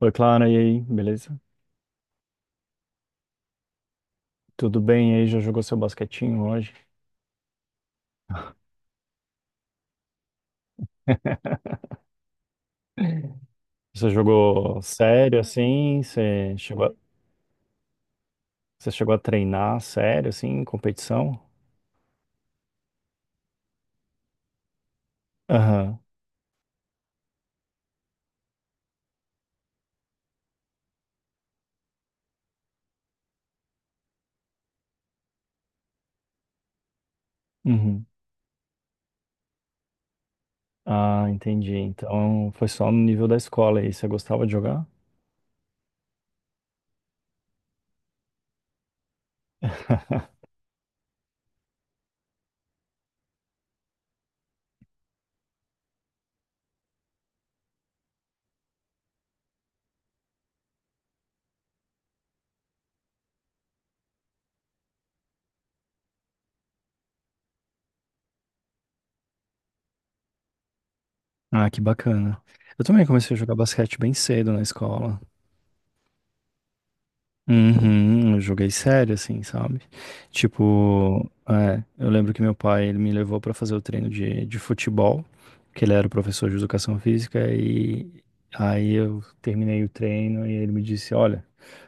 Oi, Clara, e aí, beleza? Tudo bem? E aí, já jogou seu basquetinho hoje? Você jogou sério, assim? Você chegou a treinar sério, assim, em competição? Aham, uhum. Ah, entendi. Então, foi só no nível da escola aí. Você gostava de jogar? Ah, que bacana. Eu também comecei a jogar basquete bem cedo na escola. Uhum, eu joguei sério, assim, sabe? Tipo, eu lembro que meu pai, ele me levou pra fazer o treino de futebol, que ele era o professor de educação física, e aí eu terminei o treino e ele me disse, olha,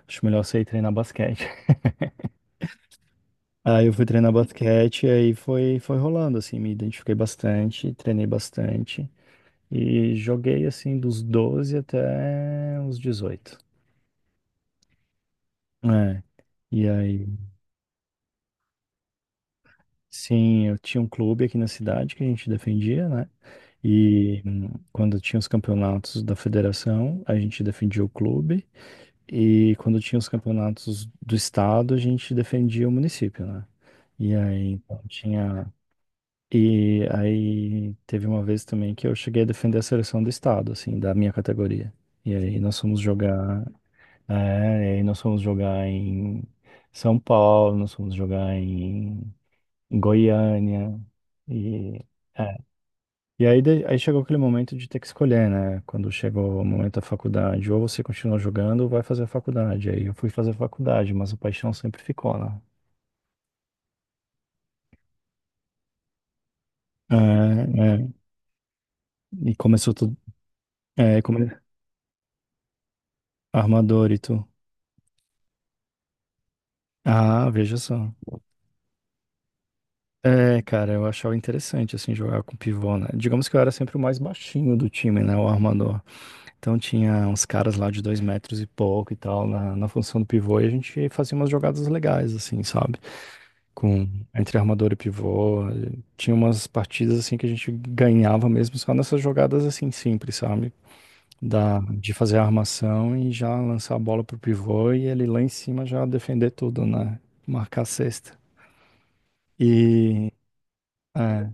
acho melhor você ir treinar basquete. Aí eu fui treinar basquete e aí foi, foi rolando, assim, me identifiquei bastante, treinei bastante e joguei, assim, dos 12 até os 18. É, e aí... Sim, eu tinha um clube aqui na cidade que a gente defendia, né? E quando tinha os campeonatos da federação, a gente defendia o clube. E quando tinha os campeonatos do estado, a gente defendia o município, né? E aí, então, tinha. E aí, teve uma vez também que eu cheguei a defender a seleção do estado, assim, da minha categoria. E aí, nós fomos jogar. É, e aí, nós fomos jogar em São Paulo, nós fomos jogar em Goiânia. E, é. E aí, aí chegou aquele momento de ter que escolher, né? Quando chegou o momento da faculdade, ou você continua jogando ou vai fazer a faculdade. Aí eu fui fazer a faculdade, mas a paixão sempre ficou lá. É, é. E começou tudo. É, come... Armador e tu. Ah, veja só. É, cara, eu achava interessante, assim, jogar com pivô, né? Digamos que eu era sempre o mais baixinho do time, né? O armador. Então tinha uns caras lá de 2 metros e pouco e tal na função do pivô e a gente fazia umas jogadas legais, assim, sabe? Com entre armador e pivô. E tinha umas partidas assim que a gente ganhava mesmo só nessas jogadas assim simples, sabe? De fazer a armação e já lançar a bola pro pivô e ele lá em cima já defender tudo, né? Marcar a cesta. E, é,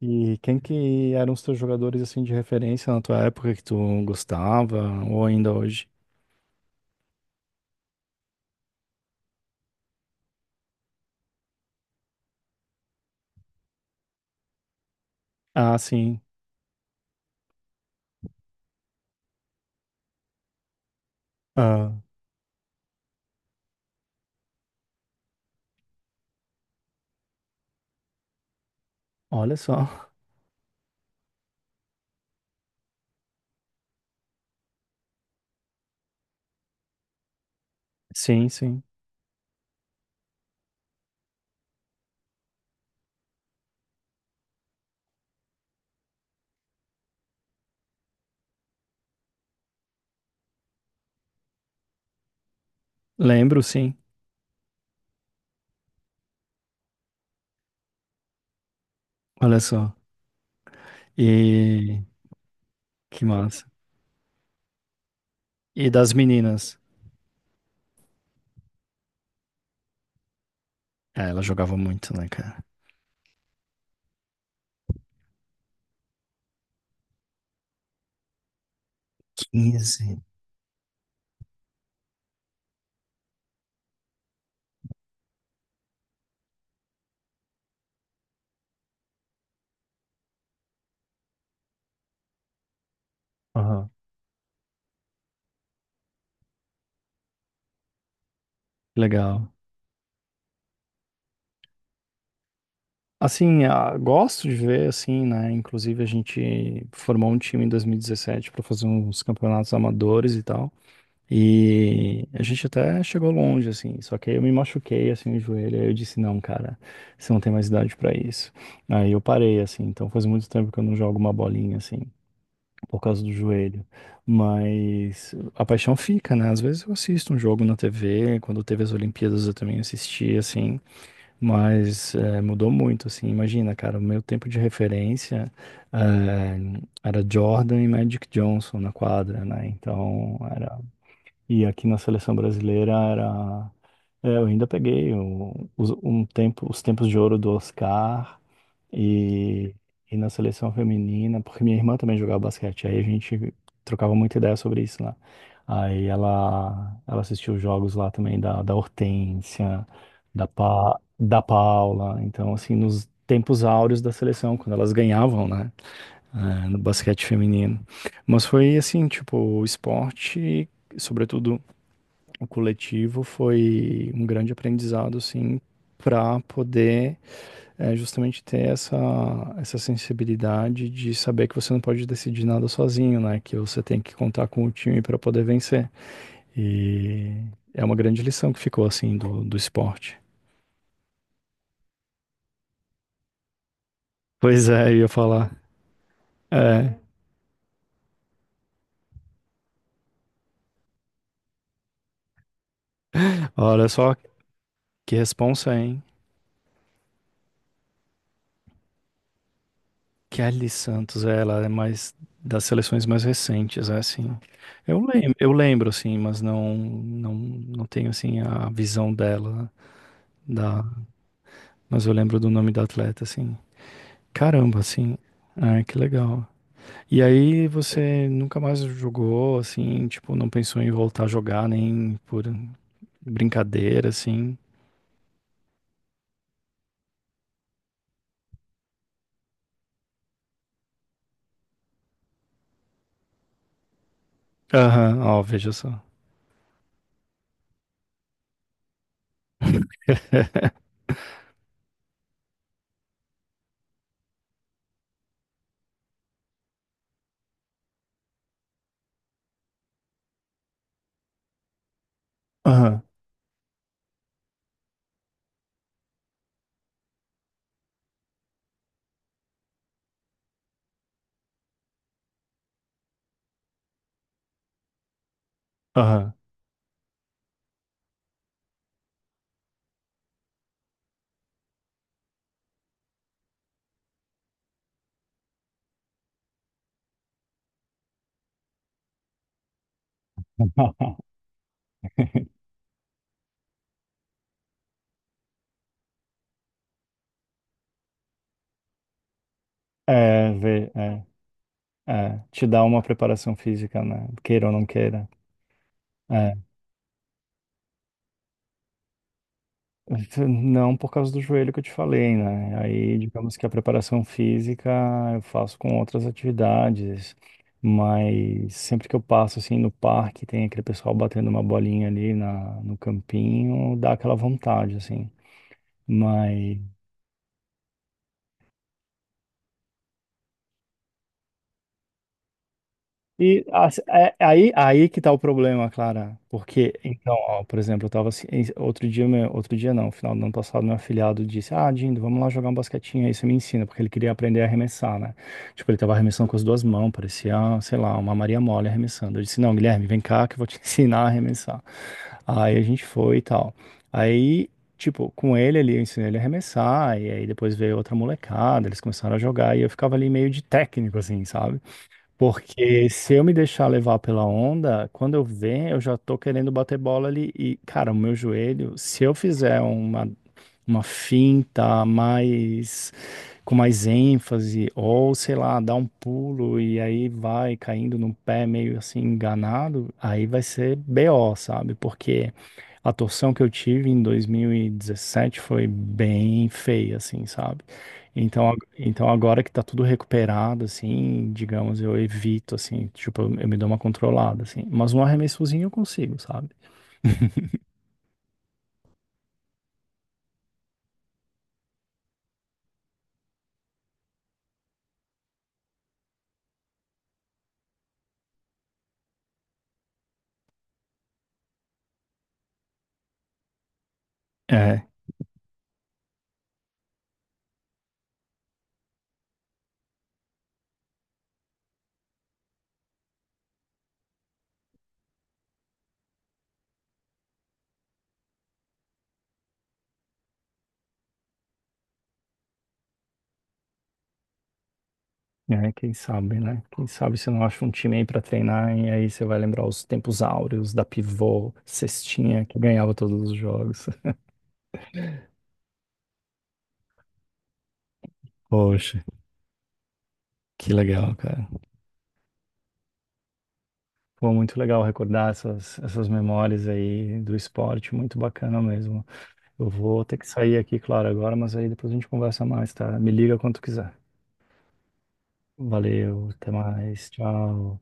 e quem que eram os teus jogadores assim de referência na tua época que tu gostava ou ainda hoje? Ah, sim. Ah, olha só. Sim, sim. Lembro, sim. Olha só. E que massa. E das meninas? É, ela jogava muito, né, cara? Quinze. Aham. Legal. Assim, ah, gosto de ver, assim, né? Inclusive, a gente formou um time em 2017 para fazer uns campeonatos amadores e tal. E a gente até chegou longe, assim, só que aí eu me machuquei, assim, o joelho, aí eu disse, não, cara, você não tem mais idade pra isso. Aí eu parei, assim, então faz muito tempo que eu não jogo uma bolinha, assim, por causa do joelho. Mas a paixão fica, né? Às vezes eu assisto um jogo na TV, quando teve as Olimpíadas eu também assisti, assim, mas mudou muito, assim, imagina, cara, o meu tempo de referência eh, era Jordan e Magic Johnson na quadra, né? Então, era e aqui na seleção brasileira era. É, eu ainda peguei um tempo, os tempos de ouro do Oscar e, e na seleção feminina, porque minha irmã também jogava basquete, aí a gente trocava muita ideia sobre isso lá. Aí ela assistiu os jogos lá também da Hortência, da Paula. Então, assim, nos tempos áureos da seleção, quando elas ganhavam, né? No basquete feminino. Mas foi assim, tipo, o esporte, sobretudo o coletivo foi um grande aprendizado, assim, para poder justamente ter essa, essa sensibilidade de saber que você não pode decidir nada sozinho, né? Que você tem que contar com o time para poder vencer. E é uma grande lição que ficou, assim, do esporte. Pois é, eu ia falar. É, olha só que responsa, hein? Kelly Santos, é, ela é mais das seleções mais recentes, é assim. Eu lembro assim, mas não tenho assim a visão dela da, mas eu lembro do nome da atleta assim. Caramba, assim. Ah, que legal. E aí você nunca mais jogou assim, tipo, não pensou em voltar a jogar nem por brincadeira assim? Aham, ó, veja só. Aham, aham. É, vê, é. É, te dá uma preparação física, né? Queira ou não queira. É, não por causa do joelho que eu te falei, né? Aí, digamos que a preparação física eu faço com outras atividades, mas sempre que eu passo assim no parque, tem aquele pessoal batendo uma bolinha ali no campinho, dá aquela vontade, assim. Mas e é aí, aí que tá o problema, Clara. Porque, então, ó, por exemplo, eu tava assim, outro dia, meu, outro dia não, final do ano passado, meu afilhado disse, ah, Dindo, vamos lá jogar um basquetinho aí, você me ensina, porque ele queria aprender a arremessar, né? Tipo, ele tava arremessando com as duas mãos, parecia, sei lá, uma Maria Mole arremessando. Eu disse, não, Guilherme, vem cá que eu vou te ensinar a arremessar. Aí a gente foi e tal. Aí, tipo, com ele ali, eu ensinei ele a arremessar, e aí depois veio outra molecada, eles começaram a jogar, e eu ficava ali meio de técnico, assim, sabe? Porque se eu me deixar levar pela onda, quando eu ver, eu já tô querendo bater bola ali. E, cara, o meu joelho, se eu fizer uma finta mais com mais ênfase, ou sei lá, dá um pulo e aí vai caindo no pé meio assim enganado, aí vai ser BO, sabe? Porque a torção que eu tive em 2017 foi bem feia, assim, sabe? Então, então agora que tá tudo recuperado, assim, digamos, eu evito, assim, tipo, eu me dou uma controlada, assim. Mas um arremessozinho eu consigo, sabe? É, é, quem sabe, né? Quem sabe você não acha um time aí pra treinar e aí você vai lembrar os tempos áureos da pivô, cestinha, que ganhava todos os jogos. Poxa, que legal, cara. Pô, muito legal recordar essas, essas memórias aí do esporte, muito bacana mesmo. Eu vou ter que sair aqui, claro, agora, mas aí depois a gente conversa mais, tá? Me liga quando quiser. Valeu, até mais, tchau.